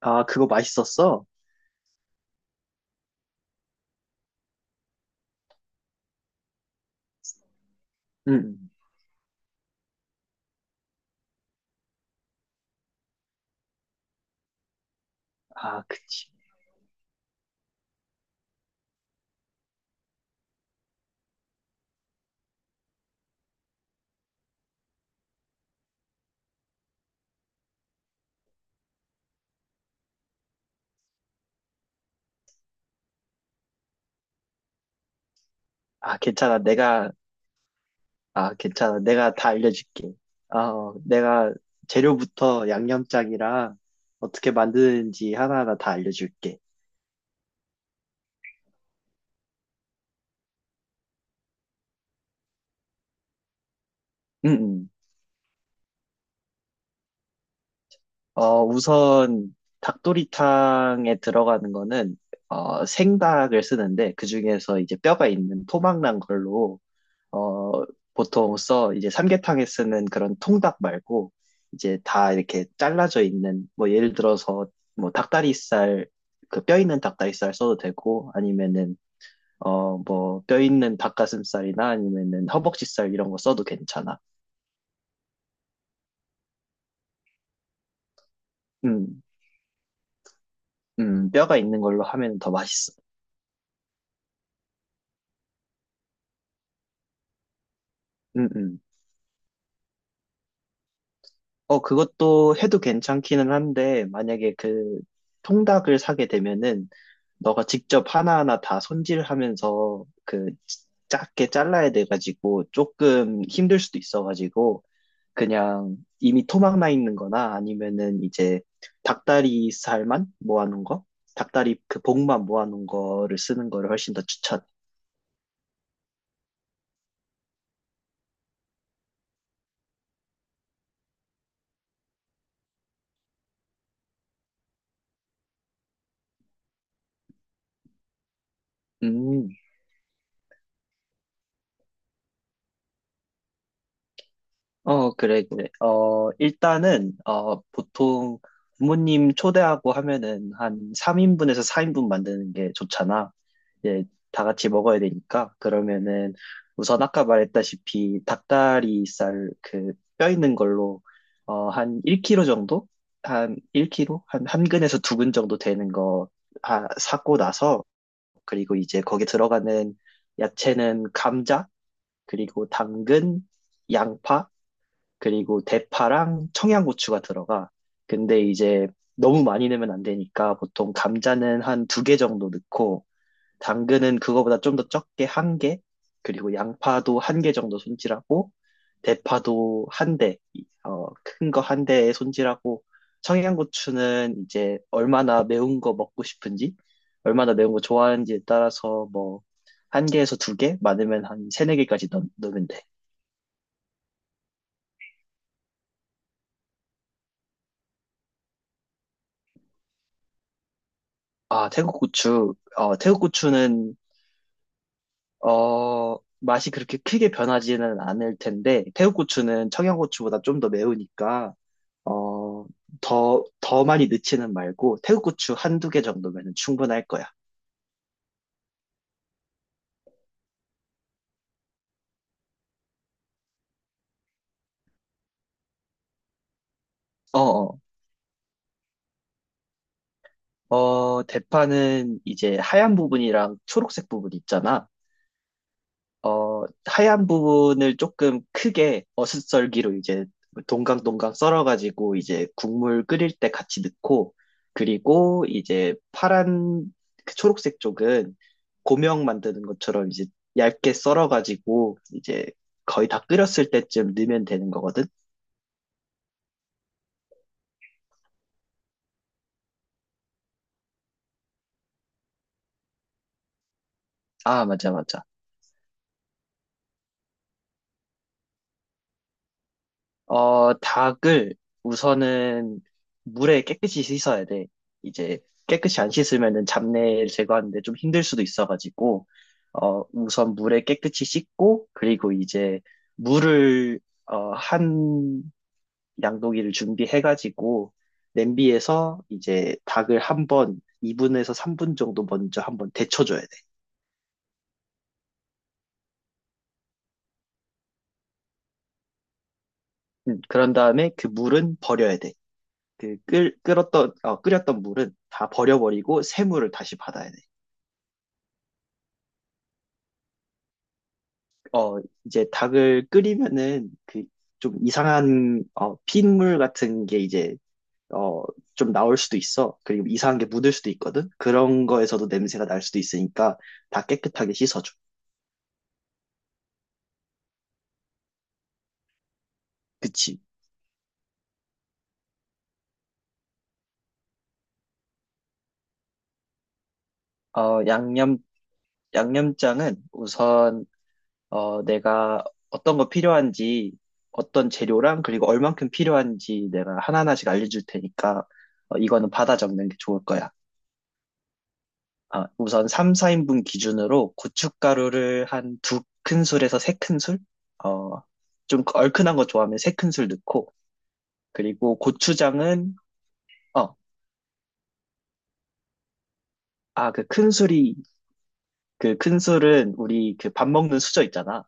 아, 그거 맛있었어? 응. 아, 그치. 아, 괜찮아. 내가, 아, 괜찮아. 내가 다 알려줄게. 아, 내가 재료부터 양념장이랑 어떻게 만드는지 하나하나 다 알려줄게. 응, 응. 우선 닭도리탕에 들어가는 거는, 생닭을 쓰는데, 그중에서 이제 뼈가 있는 토막난 걸로 어, 보통 써. 이제 삼계탕에 쓰는 그런 통닭 말고 이제 다 이렇게 잘라져 있는 뭐 예를 들어서 뭐 닭다리살, 그 뼈 있는 닭다리살 써도 되고, 아니면은 뭐 뼈 있는 닭가슴살이나 아니면은 허벅지살 이런 거 써도 괜찮아. 음, 뼈가 있는 걸로 하면 더 맛있어. 음, 음. 그것도 해도 괜찮기는 한데, 만약에 그 통닭을 사게 되면은, 너가 직접 하나하나 다 손질하면서 그 작게 잘라야 돼가지고, 조금 힘들 수도 있어가지고, 그냥 이미 토막 나 있는 거나 아니면은 이제 닭다리 살만 모아놓은 거? 닭다리 그 복만 모아놓은 거를 쓰는 거를 훨씬 더 추천. 음. 그래, 그래. 일단은, 보통 부모님 초대하고 하면은 한 3인분에서 4인분 만드는 게 좋잖아. 이제 다 같이 먹어야 되니까. 그러면은 우선 아까 말했다시피 닭다리살, 그 뼈 있는 걸로, 한 1kg 정도? 한 1kg? 한 근에서 두 근 정도 되는 거 사고 나서 그리고 이제 거기 들어가는 야채는 감자, 그리고 당근, 양파, 그리고 대파랑 청양고추가 들어가. 근데 이제 너무 많이 넣으면 안 되니까 보통 감자는 한 두 개 정도 넣고, 당근은 그거보다 좀 더 적게 한 개, 그리고 양파도 한 개 정도 손질하고, 대파도 한 대, 큰 거 한 대에 손질하고, 청양고추는 이제 얼마나 매운 거 먹고 싶은지, 얼마나 매운 거 좋아하는지에 따라서 뭐, 한 개에서 두 개? 많으면 한 세네 개까지 넣으면 돼. 아, 태국 고추. 태국 고추는, 맛이 그렇게 크게 변하지는 않을 텐데, 태국 고추는 청양고추보다 좀 더 매우니까, 어, 더 많이 넣지는 말고, 태국 고추 한두 개 정도면 충분할 거야. 어, 어, 대파는 이제 하얀 부분이랑 초록색 부분 있잖아. 하얀 부분을 조금 크게 어슷썰기로 이제 동강동강 썰어가지고 이제 국물 끓일 때 같이 넣고, 그리고 이제 파란 그 초록색 쪽은 고명 만드는 것처럼 이제 얇게 썰어가지고 이제 거의 다 끓였을 때쯤 넣으면 되는 거거든. 아, 맞아, 맞아. 닭을 우선은 물에 깨끗이 씻어야 돼. 이제 깨끗이 안 씻으면은 잡내를 제거하는데 좀 힘들 수도 있어가지고, 우선 물에 깨끗이 씻고, 그리고 이제 물을, 한 양동이를 준비해가지고, 냄비에서 이제 닭을 한 번 2분에서 3분 정도 먼저 한번 데쳐줘야 돼. 그런 다음에 그 물은 버려야 돼. 그 끓였던 물은 다 버려버리고 새 물을 다시 받아야 돼. 어, 이제 닭을 끓이면은 그 좀 이상한 핏물 같은 게 이제 어, 좀 나올 수도 있어. 그리고 이상한 게 묻을 수도 있거든. 그런 거에서도 냄새가 날 수도 있으니까 다 깨끗하게 씻어줘. 그치? 어, 양념, 양념장은 우선 내가 어떤 거 필요한지, 어떤 재료랑 그리고 얼만큼 필요한지 내가 하나하나씩 알려줄 테니까 이거는 받아 적는 게 좋을 거야. 아, 우선 3, 4인분 기준으로 고춧가루를 한 두 큰술에서 3큰술? 어, 좀 얼큰한 거 좋아하면 3큰술 넣고, 그리고 고추장은, 어, 아, 그 큰술은 우리 그 밥 먹는 수저 있잖아.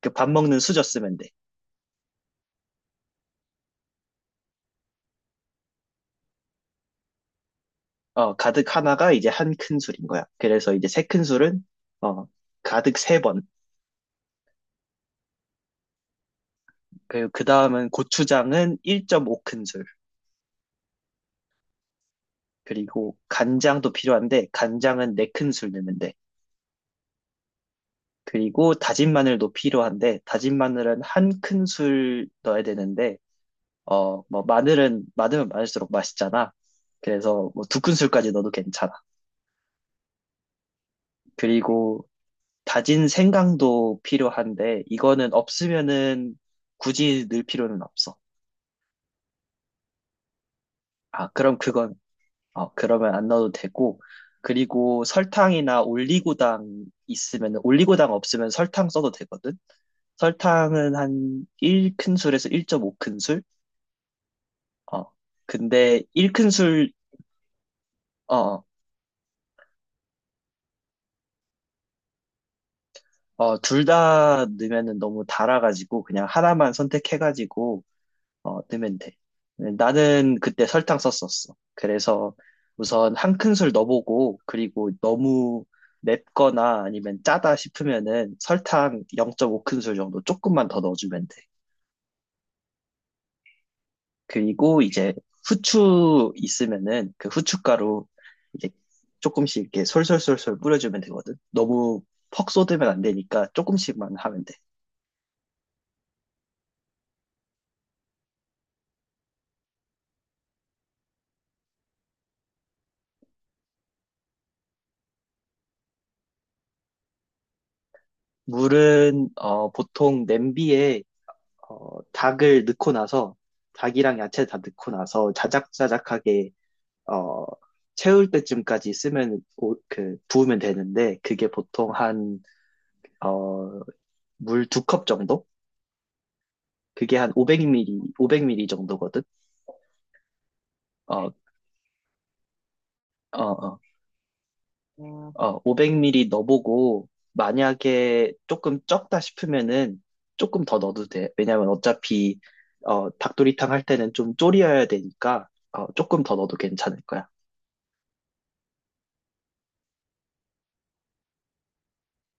그 밥 먹는 수저 쓰면 돼. 가득 하나가 이제 한 큰술인 거야. 그래서 이제 세 큰술은, 어, 가득 세 번. 그리고 그 다음은 고추장은 1.5큰술. 그리고 간장도 필요한데, 간장은 4큰술 넣는데 그리고 다진 마늘도 필요한데, 다진 마늘은 1큰술 넣어야 되는데 뭐 마늘은 많으면 많을수록 맛있잖아. 그래서 뭐 두 큰술까지 넣어도 괜찮아. 그리고 다진 생강도 필요한데 이거는 없으면은 굳이 넣을 필요는 없어. 아, 그럼 그건 그러면 안 넣어도 되고, 그리고 설탕이나 올리고당 있으면은, 올리고당 없으면 설탕 써도 되거든. 설탕은 한 1큰술에서 1.5큰술. 어, 근데 1큰술, 어, 둘 다 넣으면은 너무 달아가지고 그냥 하나만 선택해가지고 넣으면 돼. 나는 그때 설탕 썼었어. 그래서 우선 1큰술 넣어보고, 그리고 너무 맵거나 아니면 짜다 싶으면은 설탕 0.5큰술 정도 조금만 더 넣어주면 돼. 그리고 이제 후추 있으면은 그 후춧가루 이제 조금씩 이렇게 솔솔솔솔 뿌려주면 되거든. 너무 퍽 쏟으면 안 되니까 조금씩만 하면 돼. 물은 보통 냄비에 닭을 넣고 나서, 닭이랑 야채 다 넣고 나서 자작자작하게 어, 채울 때쯤까지 쓰면 그 부으면 되는데, 그게 보통 한 어, 물 2컵 정도? 그게 한 500ml, 500ml 정도거든. 어, 어, 어, 500ml 넣어보고, 만약에 조금 적다 싶으면은 조금 더 넣어도 돼. 왜냐면 어차피, 닭도리탕 할 때는 좀 졸여야 되니까, 조금 더 넣어도 괜찮을 거야.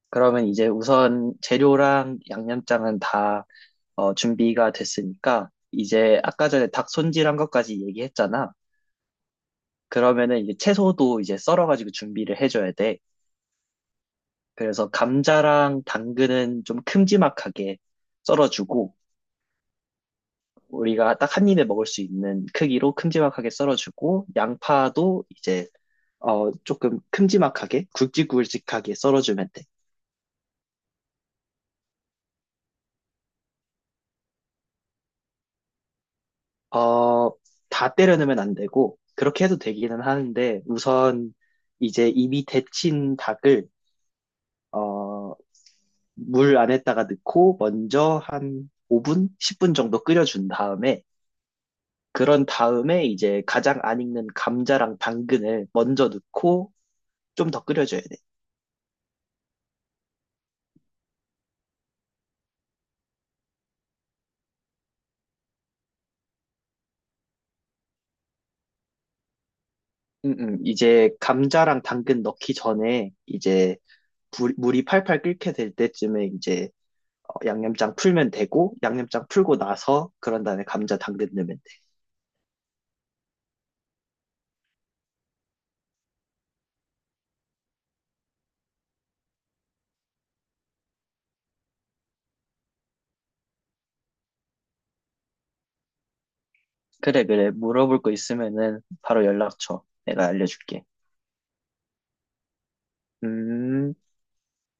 그러면 이제 우선 재료랑 양념장은 다, 준비가 됐으니까, 이제 아까 전에 닭 손질한 것까지 얘기했잖아. 그러면은 이제 채소도 이제 썰어가지고 준비를 해줘야 돼. 그래서 감자랑 당근은 좀 큼지막하게 썰어주고, 우리가 딱 한 입에 먹을 수 있는 크기로 큼지막하게 썰어주고, 양파도 이제 조금 큼지막하게 굵직굵직하게 썰어주면 돼. 어, 다 때려 넣으면 안 되고, 그렇게 해도 되기는 하는데 우선 이제 이미 데친 닭을 어, 물 안에다가 넣고 먼저 한 5분, 10분 정도 끓여준 다음에, 그런 다음에 이제 가장 안 익는 감자랑 당근을 먼저 넣고 좀 더 끓여줘야 돼. 이제 감자랑 당근 넣기 전에 이제 물이 팔팔 끓게 될 때쯤에 이제 양념장 풀면 되고, 양념장 풀고 나서 그런 다음에 감자 당근 넣으면 돼. 그래, 그래. 물어볼 거 있으면은 바로 연락 줘. 내가 알려줄게. 음.